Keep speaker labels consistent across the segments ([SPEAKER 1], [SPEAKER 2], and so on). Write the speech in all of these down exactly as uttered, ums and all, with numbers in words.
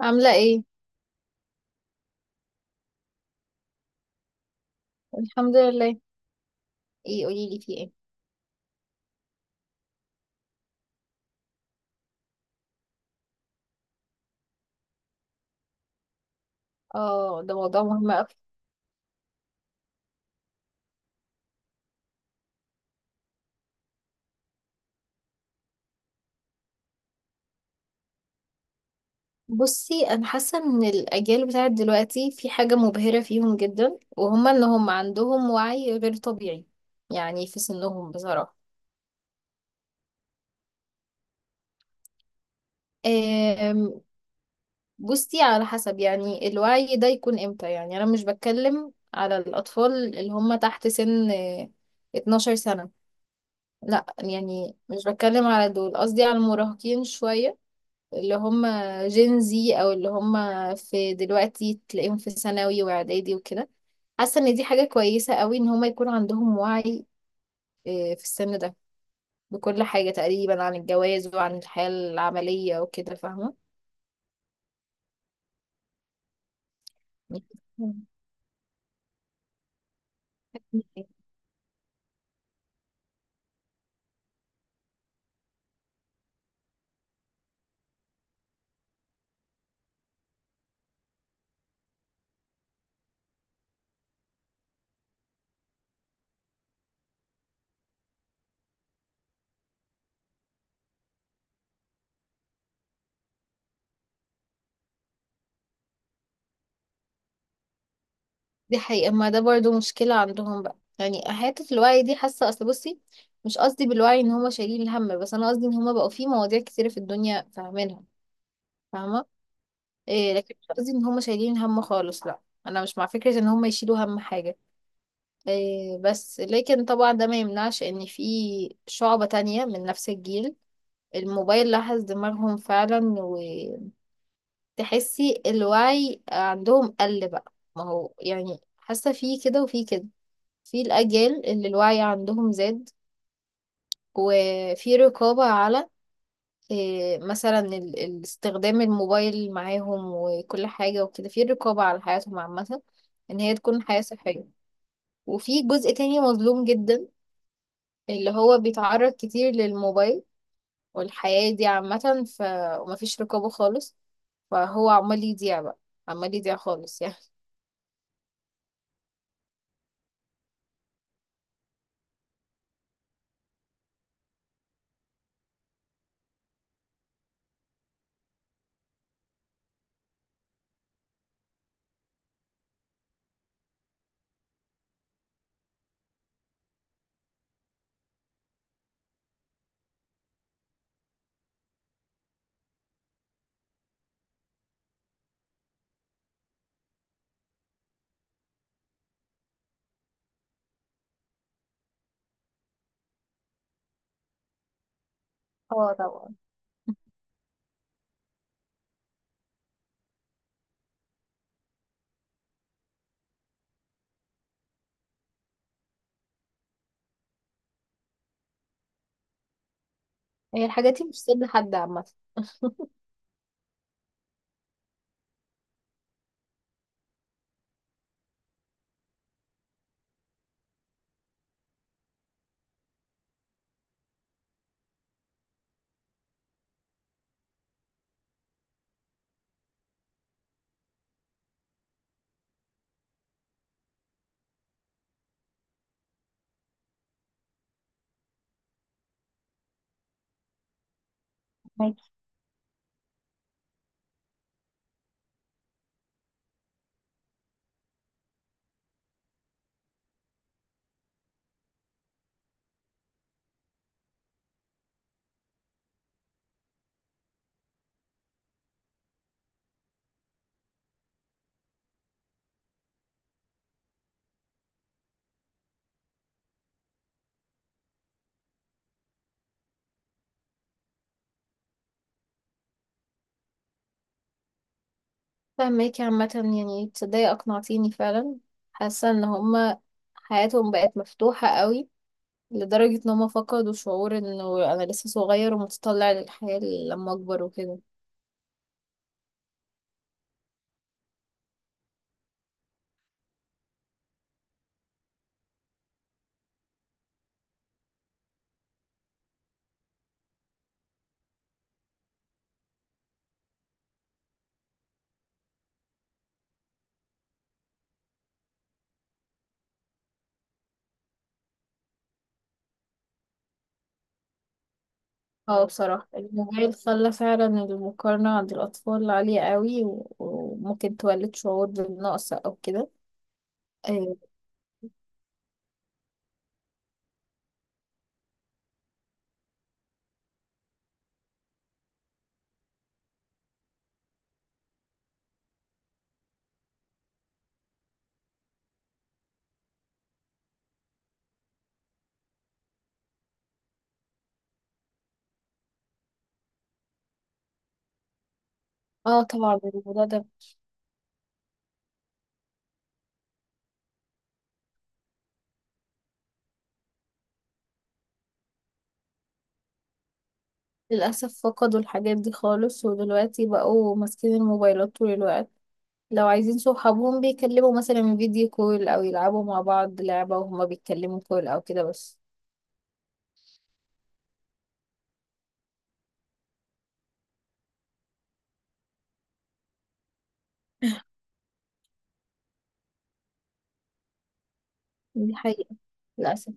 [SPEAKER 1] عاملة ايه؟ الحمد لله. ايه، قوليلي في ايه؟ اه، ده موضوع مهم اوي. بصي، انا حاسة ان الاجيال بتاعت دلوقتي في حاجة مبهرة فيهم جدا، وهم ان هم عندهم وعي غير طبيعي يعني في سنهم بصراحة. آم، بصي، على حسب، يعني الوعي ده يكون امتى. يعني انا مش بتكلم على الاطفال اللي هم تحت سن آه، 12 سنة. لا، يعني مش بتكلم على دول، قصدي على المراهقين شوية، اللي هم جين زي او اللي هم في دلوقتي تلاقيهم في ثانوي واعدادي وكده. حاسه ان دي حاجه كويسه قوي ان هم يكون عندهم وعي آه، في السن ده، بكل حاجه تقريبا عن الجواز وعن الحياه العمليه وكده، فاهمه. دي حقيقه، ما ده برضو مشكله عندهم بقى، يعني حته الوعي دي حاسه. اصل بصي، مش قصدي بالوعي ان هم شايلين الهم، بس انا قصدي ان هم بقوا في مواضيع كتيره في الدنيا فاهمينها، فاهمه. إيه، لكن مش قصدي ان هم شايلين هم خالص، لا، انا مش مع فكرة ان هم يشيلوا هم حاجة. إيه، بس لكن طبعا ده ما يمنعش ان في شعبة تانية من نفس الجيل الموبايل لحس دماغهم فعلا، وتحسي الوعي عندهم قل بقى. ما هو يعني حاسة في كده وفي كده، في الأجيال اللي الوعي عندهم زاد وفي رقابة على إيه، مثلا ال- ال- استخدام الموبايل معاهم وكل حاجة وكده، في رقابة على حياتهم عامة ان هي تكون حياة صحية. وفي جزء تاني مظلوم جدا، اللي هو بيتعرض كتير للموبايل والحياة دي عامة ف ومفيش رقابة خالص، فهو عمال يضيع بقى، عمال يضيع خالص يعني. اه، طبعا. هي الحاجات دي مش سد حد عامة. ماشي. فهماكي عامة، يعني تصدقي أقنعتيني فعلا. حاسة ان هما حياتهم بقت مفتوحة قوي، لدرجة ان هما فقدوا شعور انه انا لسه صغير ومتطلع للحياة لما اكبر وكده. اه، بصراحة الموبايل خلى فعلا المقارنة عند الأطفال عالية قوي و- وممكن تولد شعور بالنقص أو كده. اه. آه، طبعا، الموضوع ده للأسف فقدوا الحاجات دي خالص، ودلوقتي بقوا ماسكين الموبايلات طول الوقت. لو عايزين صحابهم بيكلموا مثلا فيديو كول، أو يلعبوا مع بعض لعبة وهما بيتكلموا كول أو كده بس. دي حقيقة، للأسف.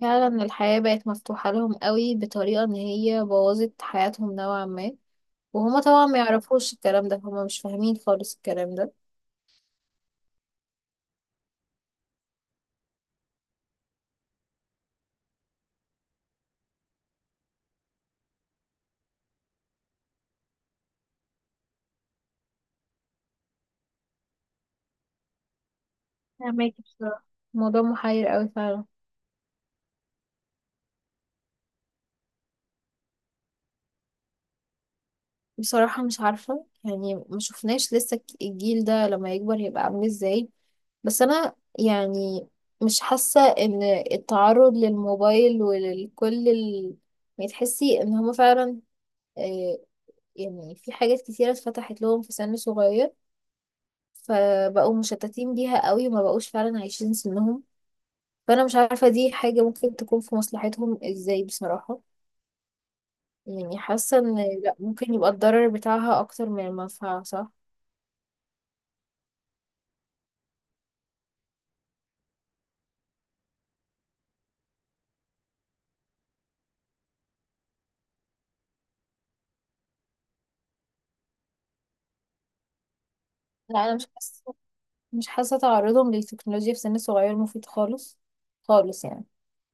[SPEAKER 1] فعلا الحياة بقت مفتوحة لهم قوي بطريقة ان هي بوظت حياتهم نوعا ما، وهما طبعا ما يعرفوش الكلام ده، هما مش فاهمين خالص الكلام ده. فاهمك بصراحة، الموضوع محير قوي فعلا. بصراحة مش عارفة، يعني ما شفناش لسه الك- الجيل ده لما يكبر هيبقى عامل ازاي. بس انا يعني مش حاسة ان التعرض للموبايل ولكل ال... يعني تحسي ان هما فعلا، آه، يعني في حاجات كتيرة اتفتحت لهم في سن صغير، فبقوا مشتتين بيها قوي وما بقوش فعلا عايشين سنهم. فانا مش عارفة دي حاجة ممكن تكون في مصلحتهم ازاي بصراحة. يعني حاسة ان لا، ممكن يبقى الضرر بتاعها اكتر من المنفعة، صح. لا، انا مش حاسة، مش حاسة تعرضهم للتكنولوجيا في سن صغير مفيد خالص، خالص يعني.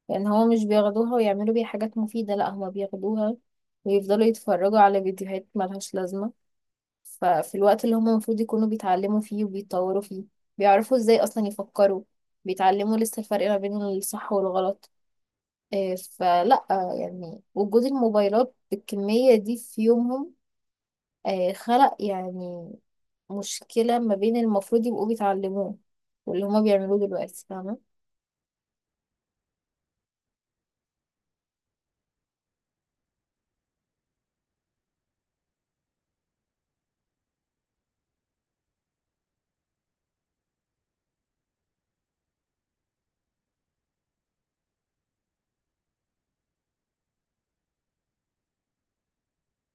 [SPEAKER 1] لان هو مش بياخدوها ويعملوا بيها حاجات مفيدة، لا، هما بياخدوها ويفضلوا يتفرجوا على فيديوهات ملهاش لازمة. ففي الوقت اللي هم المفروض يكونوا بيتعلموا فيه وبيتطوروا فيه، بيعرفوا ازاي اصلا يفكروا، بيتعلموا لسه الفرق ما بين الصح والغلط. آه، فلا، آه، يعني وجود الموبايلات بالكمية دي في يومهم آه، خلق يعني مشكلة ما بين المفروض يبقوا بيتعلموه واللي هما بيعملوه دلوقتي، فاهمة.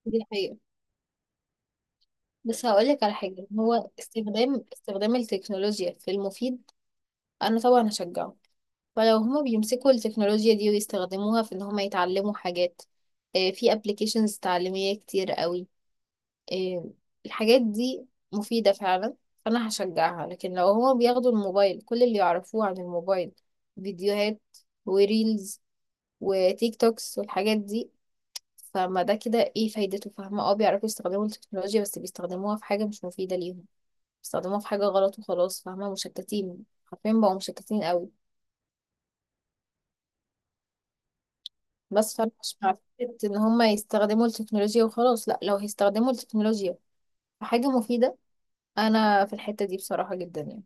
[SPEAKER 1] دي الحقيقة. بس هقولك على حاجة، هو استخدام استخدام التكنولوجيا في المفيد، أنا طبعا هشجعه. فلو هما بيمسكوا التكنولوجيا دي ويستخدموها في ان هما يتعلموا حاجات، آه، في ابلكيشنز تعليمية كتير قوي. آه، الحاجات دي مفيدة فعلا، فانا هشجعها. لكن لو هما بياخدوا الموبايل، كل اللي يعرفوه عن الموبايل فيديوهات وريلز وتيك توكس والحاجات دي، فما ده كده ايه فايدته؟ فاهمة؟ اه، بيعرفوا يستخدموا التكنولوجيا بس بيستخدموها في حاجة مش مفيدة ليهم، بيستخدموها في حاجة غلط وخلاص، فاهمة؟ مشتتين، حرفيا بقوا مشتتين قوي. بس فانا مش مع فكرة ان هم يستخدموا التكنولوجيا وخلاص، لا، لو هيستخدموا التكنولوجيا في حاجة مفيدة انا في الحتة دي بصراحة جدا يعني.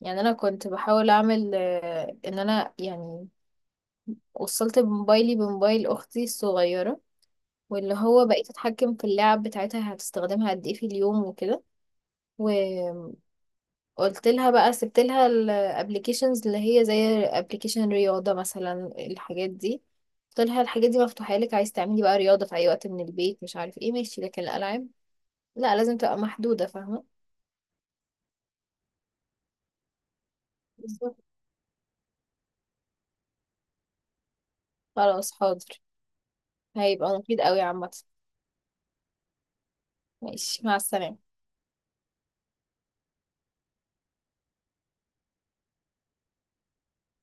[SPEAKER 1] يعني انا كنت بحاول اعمل آه، ان انا يعني وصلت بموبايلي بموبايل اختي الصغيرة، واللي هو بقيت اتحكم في اللعب بتاعتها هتستخدمها قد ايه في اليوم وكده. و... قلت لها بقى، سبت لها الابلكيشنز اللي هي زي ابلكيشن رياضة مثلا. الحاجات دي قلت لها الحاجات دي مفتوحة لك، عايز تعملي بقى رياضة في اي وقت من البيت مش عارف ايه، ماشي، لكن الالعاب لا لازم تبقى محدودة، فاهمة. بالظبط. خلاص، حاضر. هيبقى مفيد قوي عامة. ماشي، مع السلامة.